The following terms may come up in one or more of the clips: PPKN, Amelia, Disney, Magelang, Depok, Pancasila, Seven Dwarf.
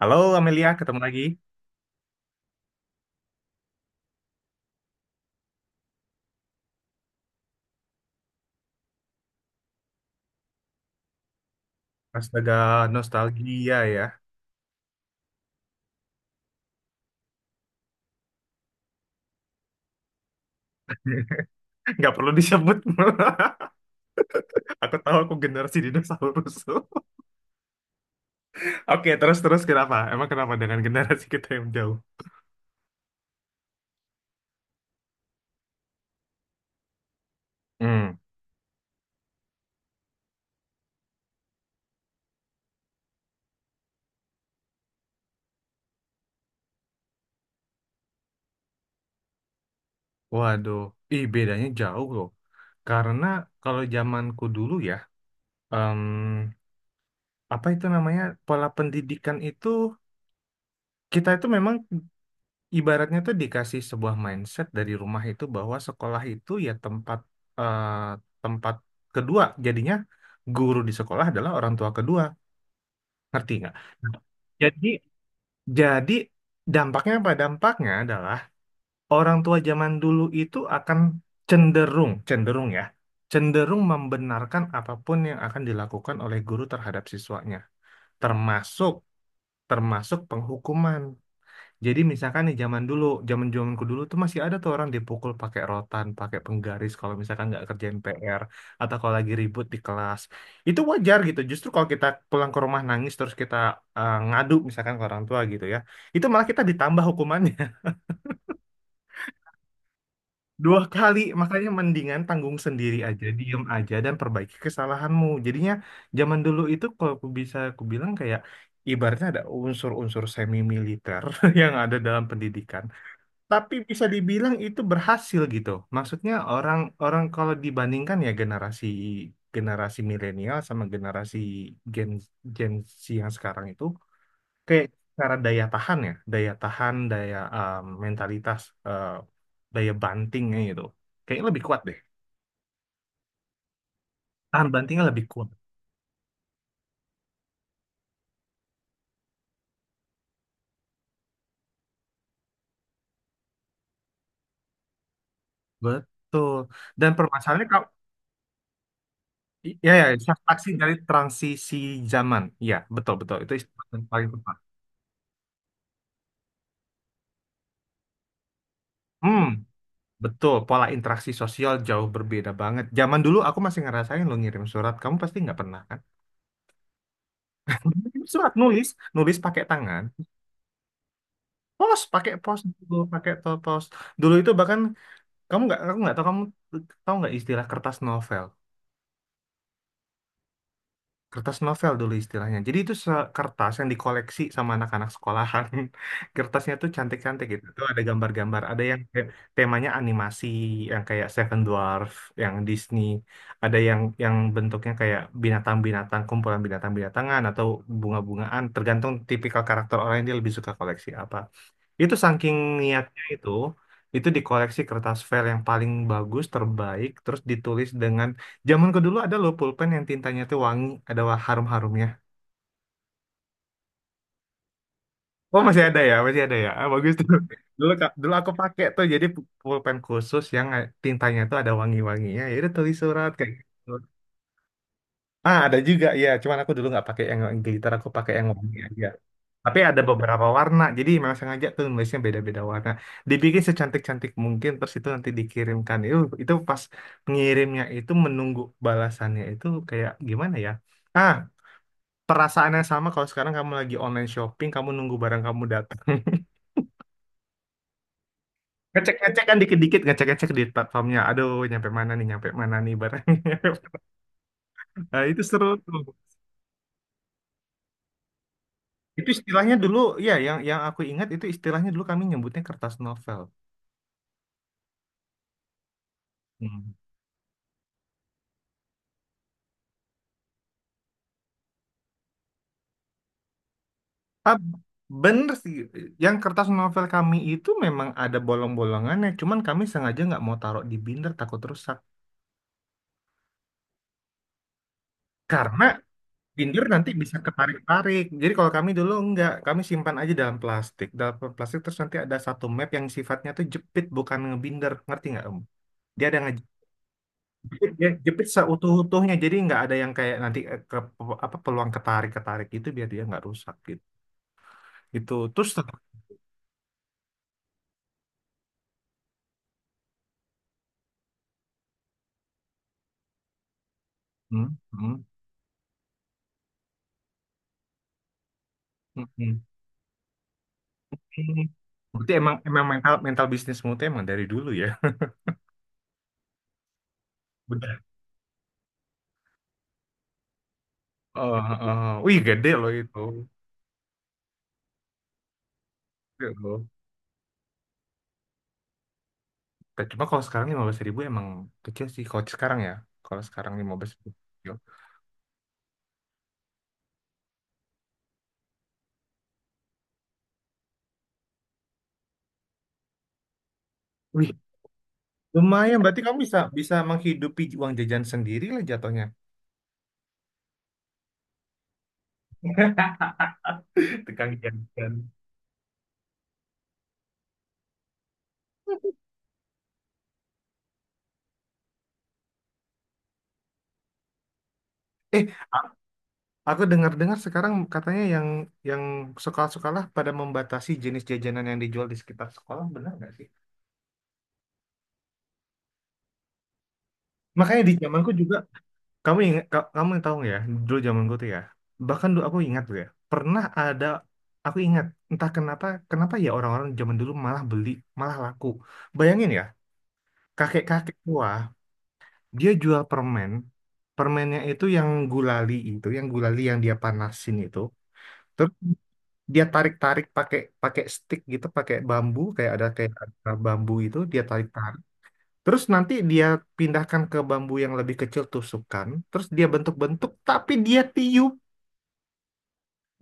Halo Amelia, ketemu lagi. Astaga, nostalgia ya. Nggak perlu disebut. Aku tahu aku generasi dinosaurus. Oke, terus-terus kenapa? Emang kenapa dengan generasi kita yang jauh? Hmm. Waduh, ih bedanya jauh loh. Karena kalau zamanku dulu ya, em, apa itu namanya, pola pendidikan itu, kita itu memang ibaratnya tuh dikasih sebuah mindset dari rumah itu bahwa sekolah itu ya tempat eh, tempat kedua. Jadinya guru di sekolah adalah orang tua kedua. Ngerti nggak? Nah, Jadi jadi dampaknya apa? Dampaknya adalah orang tua zaman dulu itu akan cenderung cenderung ya cenderung membenarkan apapun yang akan dilakukan oleh guru terhadap siswanya, termasuk termasuk penghukuman. Jadi misalkan nih zaman dulu, zamanku dulu tuh masih ada tuh orang dipukul pakai rotan, pakai penggaris kalau misalkan nggak kerjain PR atau kalau lagi ribut di kelas. Itu wajar gitu. Justru kalau kita pulang ke rumah nangis terus kita ngadu misalkan ke orang tua gitu ya, itu malah kita ditambah hukumannya dua kali. Makanya mendingan tanggung sendiri aja, diem aja dan perbaiki kesalahanmu. Jadinya zaman dulu itu kalau aku bisa aku bilang kayak ibaratnya ada unsur-unsur semi militer yang ada dalam pendidikan, tapi bisa dibilang itu berhasil gitu. Maksudnya orang orang kalau dibandingkan ya generasi generasi milenial sama generasi Gen Gen Z yang sekarang itu kayak cara daya tahan ya, daya tahan, mentalitas, eh, daya bantingnya gitu. Kayaknya lebih kuat deh. Tahan bantingnya lebih kuat. Betul. Dan permasalahannya kalau ya ya saksi dari transisi zaman. Ya, betul betul. Itu istilah yang paling tepat. Hmm. Betul, pola interaksi sosial jauh berbeda banget. Zaman dulu aku masih ngerasain lo ngirim surat, kamu pasti nggak pernah kan? Ngirim surat nulis, nulis pakai tangan, pos pakai pos dulu, pos. Dulu itu bahkan kamu nggak, aku nggak tahu kamu tahu nggak istilah kertas novel. Kertas novel dulu istilahnya. Jadi itu kertas yang dikoleksi sama anak-anak sekolahan. Kertasnya tuh cantik-cantik gitu. Tuh ada gambar-gambar, ada yang kayak temanya animasi yang kayak Seven Dwarf, yang Disney, ada yang bentuknya kayak binatang-binatang, kumpulan binatang-binatangan atau bunga-bungaan, tergantung tipikal karakter orang yang dia lebih suka koleksi apa. Itu saking niatnya itu dikoleksi kertas file yang paling bagus, terbaik, terus ditulis dengan zamanku dulu ada loh pulpen yang tintanya tuh wangi, ada harum-harumnya. Oh masih ada ya, masih ada ya. Ah, bagus tuh. Dulu dulu aku pakai tuh jadi pulpen khusus yang tintanya tuh ada wangi-wanginya. Ya udah tulis surat kayak gitu. Ah, ada juga ya. Cuman aku dulu nggak pakai yang glitter, aku pakai yang wangi aja. Tapi ada beberapa warna, jadi memang sengaja tuh nulisnya beda-beda warna. Dibikin secantik-cantik mungkin, terus itu nanti dikirimkan. Itu pas pengirimnya itu menunggu balasannya itu kayak gimana ya? Ah, perasaannya sama kalau sekarang kamu lagi online shopping, kamu nunggu barang kamu datang. Ngecek-ngecek kan dikit-dikit, ngecek-ngecek di platformnya. Aduh, nyampe mana nih barangnya. Nah, itu seru tuh. Itu istilahnya dulu, ya yang aku ingat itu istilahnya dulu kami nyebutnya kertas novel. Hmm. Ah, bener sih, yang kertas novel kami itu memang ada bolong-bolongannya, cuman kami sengaja nggak mau taruh di binder takut rusak. Karena binder nanti bisa ketarik-tarik. Jadi kalau kami dulu nggak, kami simpan aja dalam plastik. Dalam plastik terus nanti ada satu map yang sifatnya tuh jepit bukan ngebinder, ngerti nggak Om? Dia ada nge ya, jepit seutuh-utuhnya jadi nggak ada yang kayak apa peluang ketarik-ketarik itu biar dia nggak rusak gitu gitu terus tetap hmm, hmm, hmm, hmm, hmm. berarti emang emang mental mental bisnismu tuh emang dari dulu ya udah. Oh, oh. Wih gede loh itu. Gede loh. Tapi cuma kalau sekarang lima belas ribu emang kecil sih kalau sekarang ya kalau sekarang lima belas ribu wih lumayan berarti kamu bisa bisa menghidupi uang jajan sendiri lah jatuhnya. Tukang jajan. eh Aku dengar-dengar sekarang katanya yang sekolah-sekolah pada membatasi jenis jajanan yang dijual di sekitar sekolah, benar nggak sih? Makanya di zamanku juga, kamu ingat, kamu tahu nggak ya, dulu zamanku tuh ya, bahkan dulu aku ingat tuh ya, pernah ada, aku ingat, entah kenapa, kenapa ya orang-orang zaman dulu malah beli, malah laku. Bayangin ya, kakek-kakek tua, dia jual permen, permennya itu, yang gulali yang dia panasin itu, dia tarik-tarik pakai pakai stick gitu, pakai bambu kayak ada bambu itu dia tarik-tarik. Terus nanti dia pindahkan ke bambu yang lebih kecil tusukkan, terus dia bentuk-bentuk tapi dia tiup,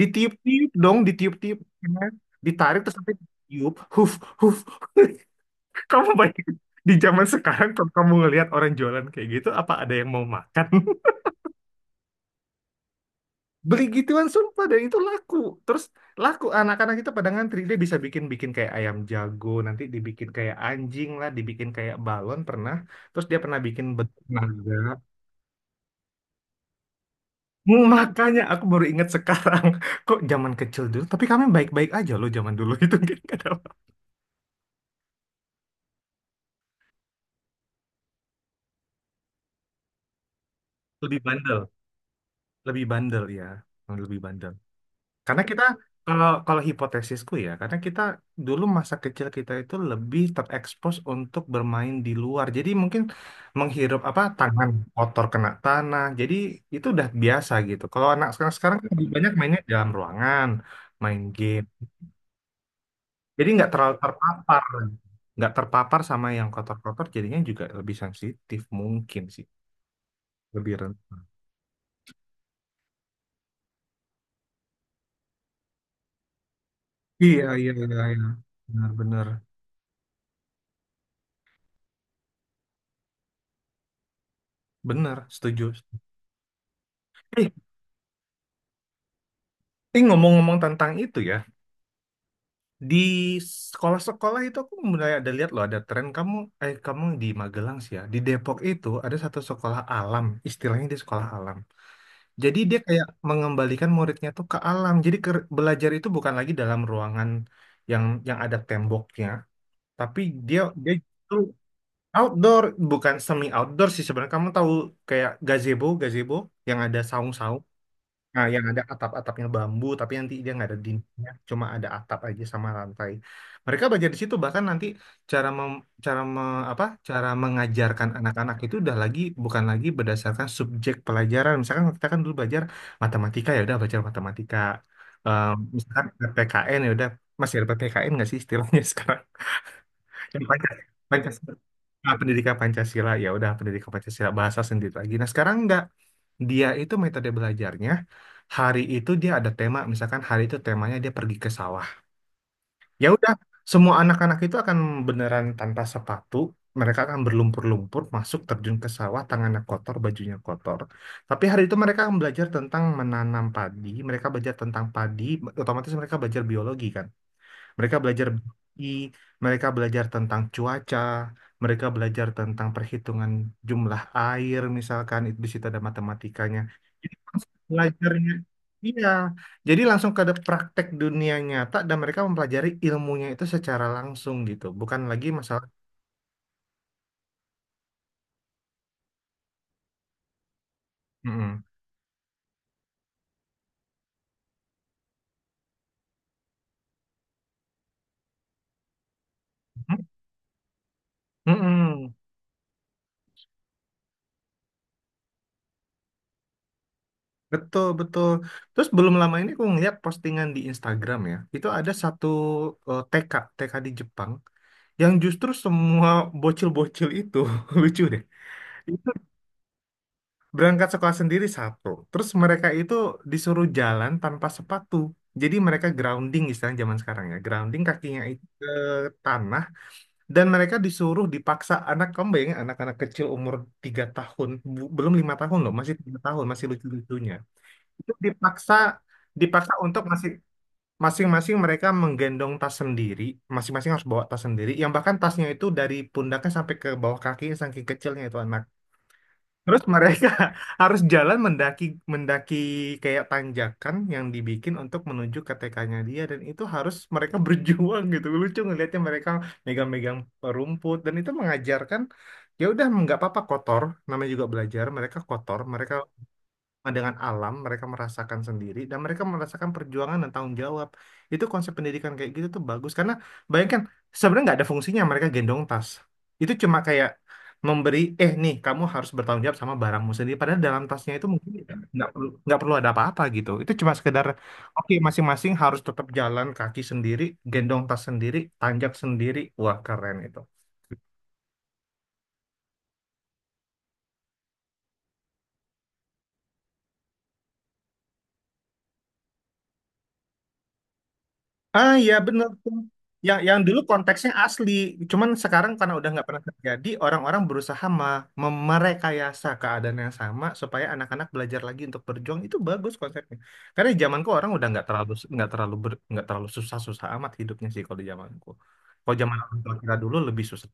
ditiup-tiup dong, ditiup-tiup. Ya. Ditarik terus nanti tiup, huf huf. Kamu bayangin di zaman sekarang kalau kamu ngelihat orang jualan kayak gitu apa ada yang mau makan? Beli gituan sumpah dan itu laku terus laku anak-anak kita pada ngantri dia bisa bikin bikin kayak ayam jago nanti dibikin kayak anjing lah dibikin kayak balon pernah terus dia pernah bikin bentuk naga. Hmm, makanya aku baru ingat sekarang kok zaman kecil dulu tapi kami baik-baik aja loh zaman dulu itu, nggak ada apa- lebih bandel, lebih bandel ya, lebih bandel. Karena kita kalau kalau hipotesisku ya, karena kita dulu masa kecil kita itu lebih terekspos untuk bermain di luar. Jadi mungkin menghirup apa tangan kotor kena tanah. Jadi itu udah biasa gitu. Kalau anak sekarang sekarang kan lebih banyak mainnya di dalam ruangan, main game. Jadi nggak terlalu terpapar, nggak terpapar sama yang kotor-kotor. Jadinya juga lebih sensitif mungkin sih, lebih rentan. Iya iya iya, iya. Benar benar benar, setuju. Eh, ini ngomong-ngomong tentang itu ya. Di sekolah-sekolah itu aku mulai ada lihat loh ada tren kamu kamu di Magelang sih ya. Di Depok itu ada satu sekolah alam, istilahnya di sekolah alam. Jadi dia kayak mengembalikan muridnya tuh ke alam. Jadi belajar itu bukan lagi dalam ruangan yang yang ada temboknya, tapi dia dia itu outdoor, bukan semi outdoor sih sebenarnya. Kamu tahu kayak gazebo yang ada saung-saung. Nah, yang ada atap-atapnya bambu, tapi nanti dia nggak ada dindingnya, cuma ada atap aja sama lantai. Mereka belajar di situ, bahkan nanti cara mem, cara me- apa cara mengajarkan anak-anak itu udah lagi bukan lagi berdasarkan subjek pelajaran. Misalkan kita kan dulu belajar matematika ya udah belajar matematika. Eh, misalkan PPKN ya udah masih ada PPKN nggak sih istilahnya sekarang? Pancasila. Pancasila. Ah, pendidikan Pancasila ya udah pendidikan Pancasila bahasa sendiri lagi. Nah sekarang enggak, dia itu metode belajarnya hari itu dia ada tema misalkan hari itu temanya dia pergi ke sawah. Ya udah semua anak-anak itu akan beneran tanpa sepatu mereka akan berlumpur-lumpur masuk terjun ke sawah tangannya kotor bajunya kotor. Tapi hari itu mereka akan belajar tentang menanam padi mereka belajar tentang padi otomatis mereka belajar biologi kan. Mereka belajar biologi, mereka belajar tentang cuaca, mereka belajar tentang perhitungan jumlah air misalkan itu di situ ada matematikanya. Jadi langsung belajarnya iya. Jadi langsung ke ada praktek dunia nyata dan mereka mempelajari ilmunya itu secara langsung gitu, bukan lagi masalah. Mm-mm. Mm-mm. Betul, betul. Terus belum lama ini aku ngeliat postingan di Instagram ya. Itu ada satu eh, TK, TK di Jepang, yang justru semua bocil-bocil itu lucu deh itu berangkat sekolah sendiri satu terus mereka itu disuruh jalan tanpa sepatu jadi mereka grounding istilah zaman sekarang ya grounding kakinya itu ke tanah dan mereka disuruh dipaksa anak kamu anak-anak kecil umur 3 tahun belum lima tahun loh masih tiga tahun masih lucu-lucunya itu dipaksa dipaksa untuk masih masing-masing mereka menggendong tas sendiri, masing-masing harus bawa tas sendiri, yang bahkan tasnya itu dari pundaknya sampai ke bawah kakinya saking kecilnya itu anak. Terus mereka harus jalan mendaki mendaki kayak tanjakan yang dibikin untuk menuju ke TK-nya dia dan itu harus mereka berjuang gitu. Lucu ngelihatnya mereka megang-megang rumput dan itu mengajarkan ya udah nggak apa-apa kotor, namanya juga belajar, mereka kotor, mereka. Nah, dengan alam, mereka merasakan sendiri, dan mereka merasakan perjuangan dan tanggung jawab. Itu konsep pendidikan kayak gitu tuh bagus, karena bayangkan sebenarnya nggak ada fungsinya mereka gendong tas. Itu cuma kayak memberi, eh nih kamu harus bertanggung jawab sama barangmu sendiri. Padahal dalam tasnya itu mungkin ya nggak perlu ada apa-apa gitu. Itu cuma sekedar, oke masing-masing harus tetap jalan kaki sendiri, gendong tas sendiri, tanjak sendiri. Wah keren itu. Ah iya bener tuh. Yang dulu konteksnya asli, cuman sekarang karena udah nggak pernah terjadi, orang-orang berusaha merekayasa keadaan yang sama supaya anak-anak belajar lagi untuk berjuang itu bagus konsepnya. Karena di zamanku orang udah nggak terlalu susah-susah amat hidupnya sih kalau di zamanku. Kalau zaman orang tua kita dulu lebih susah.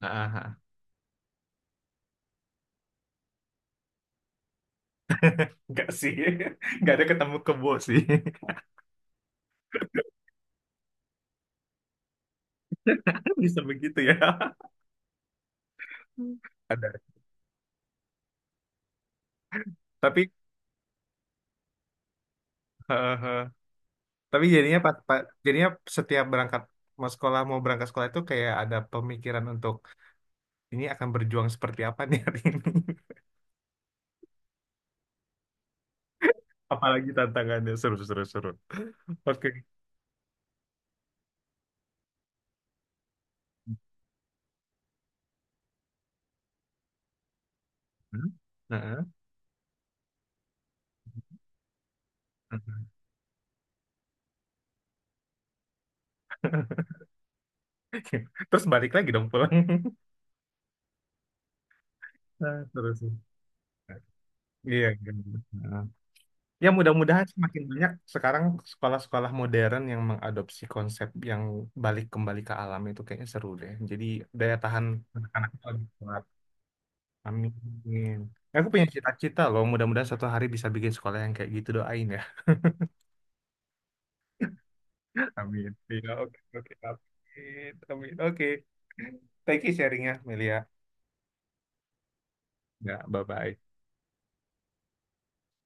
Ah, ah. Nggak sih, nggak ada ketemu kebo sih. Bisa begitu ya. Ada. Tapi tapi jadinya pas, jadinya setiap berangkat mau sekolah mau berangkat sekolah itu kayak ada pemikiran untuk ini akan berjuang seperti apa nih hari ini. Apalagi tantangannya seru seru seru. Oke. Hmm? Heeh. Heeh. Terus balik lagi dong pulang. Nah, terus. Iya, kan. Heeh. Ya mudah-mudahan semakin banyak sekarang sekolah-sekolah modern yang mengadopsi konsep yang balik kembali ke alam itu kayaknya seru deh. Jadi daya tahan anak-anak itu lebih kuat. Amin. Aku punya cita-cita loh, mudah-mudahan suatu hari bisa bikin sekolah yang kayak gitu, doain ya. Amin. Iya, oke, oke, amin. Amin. Oke. Thank you sharingnya, Melia. Ya, bye-bye.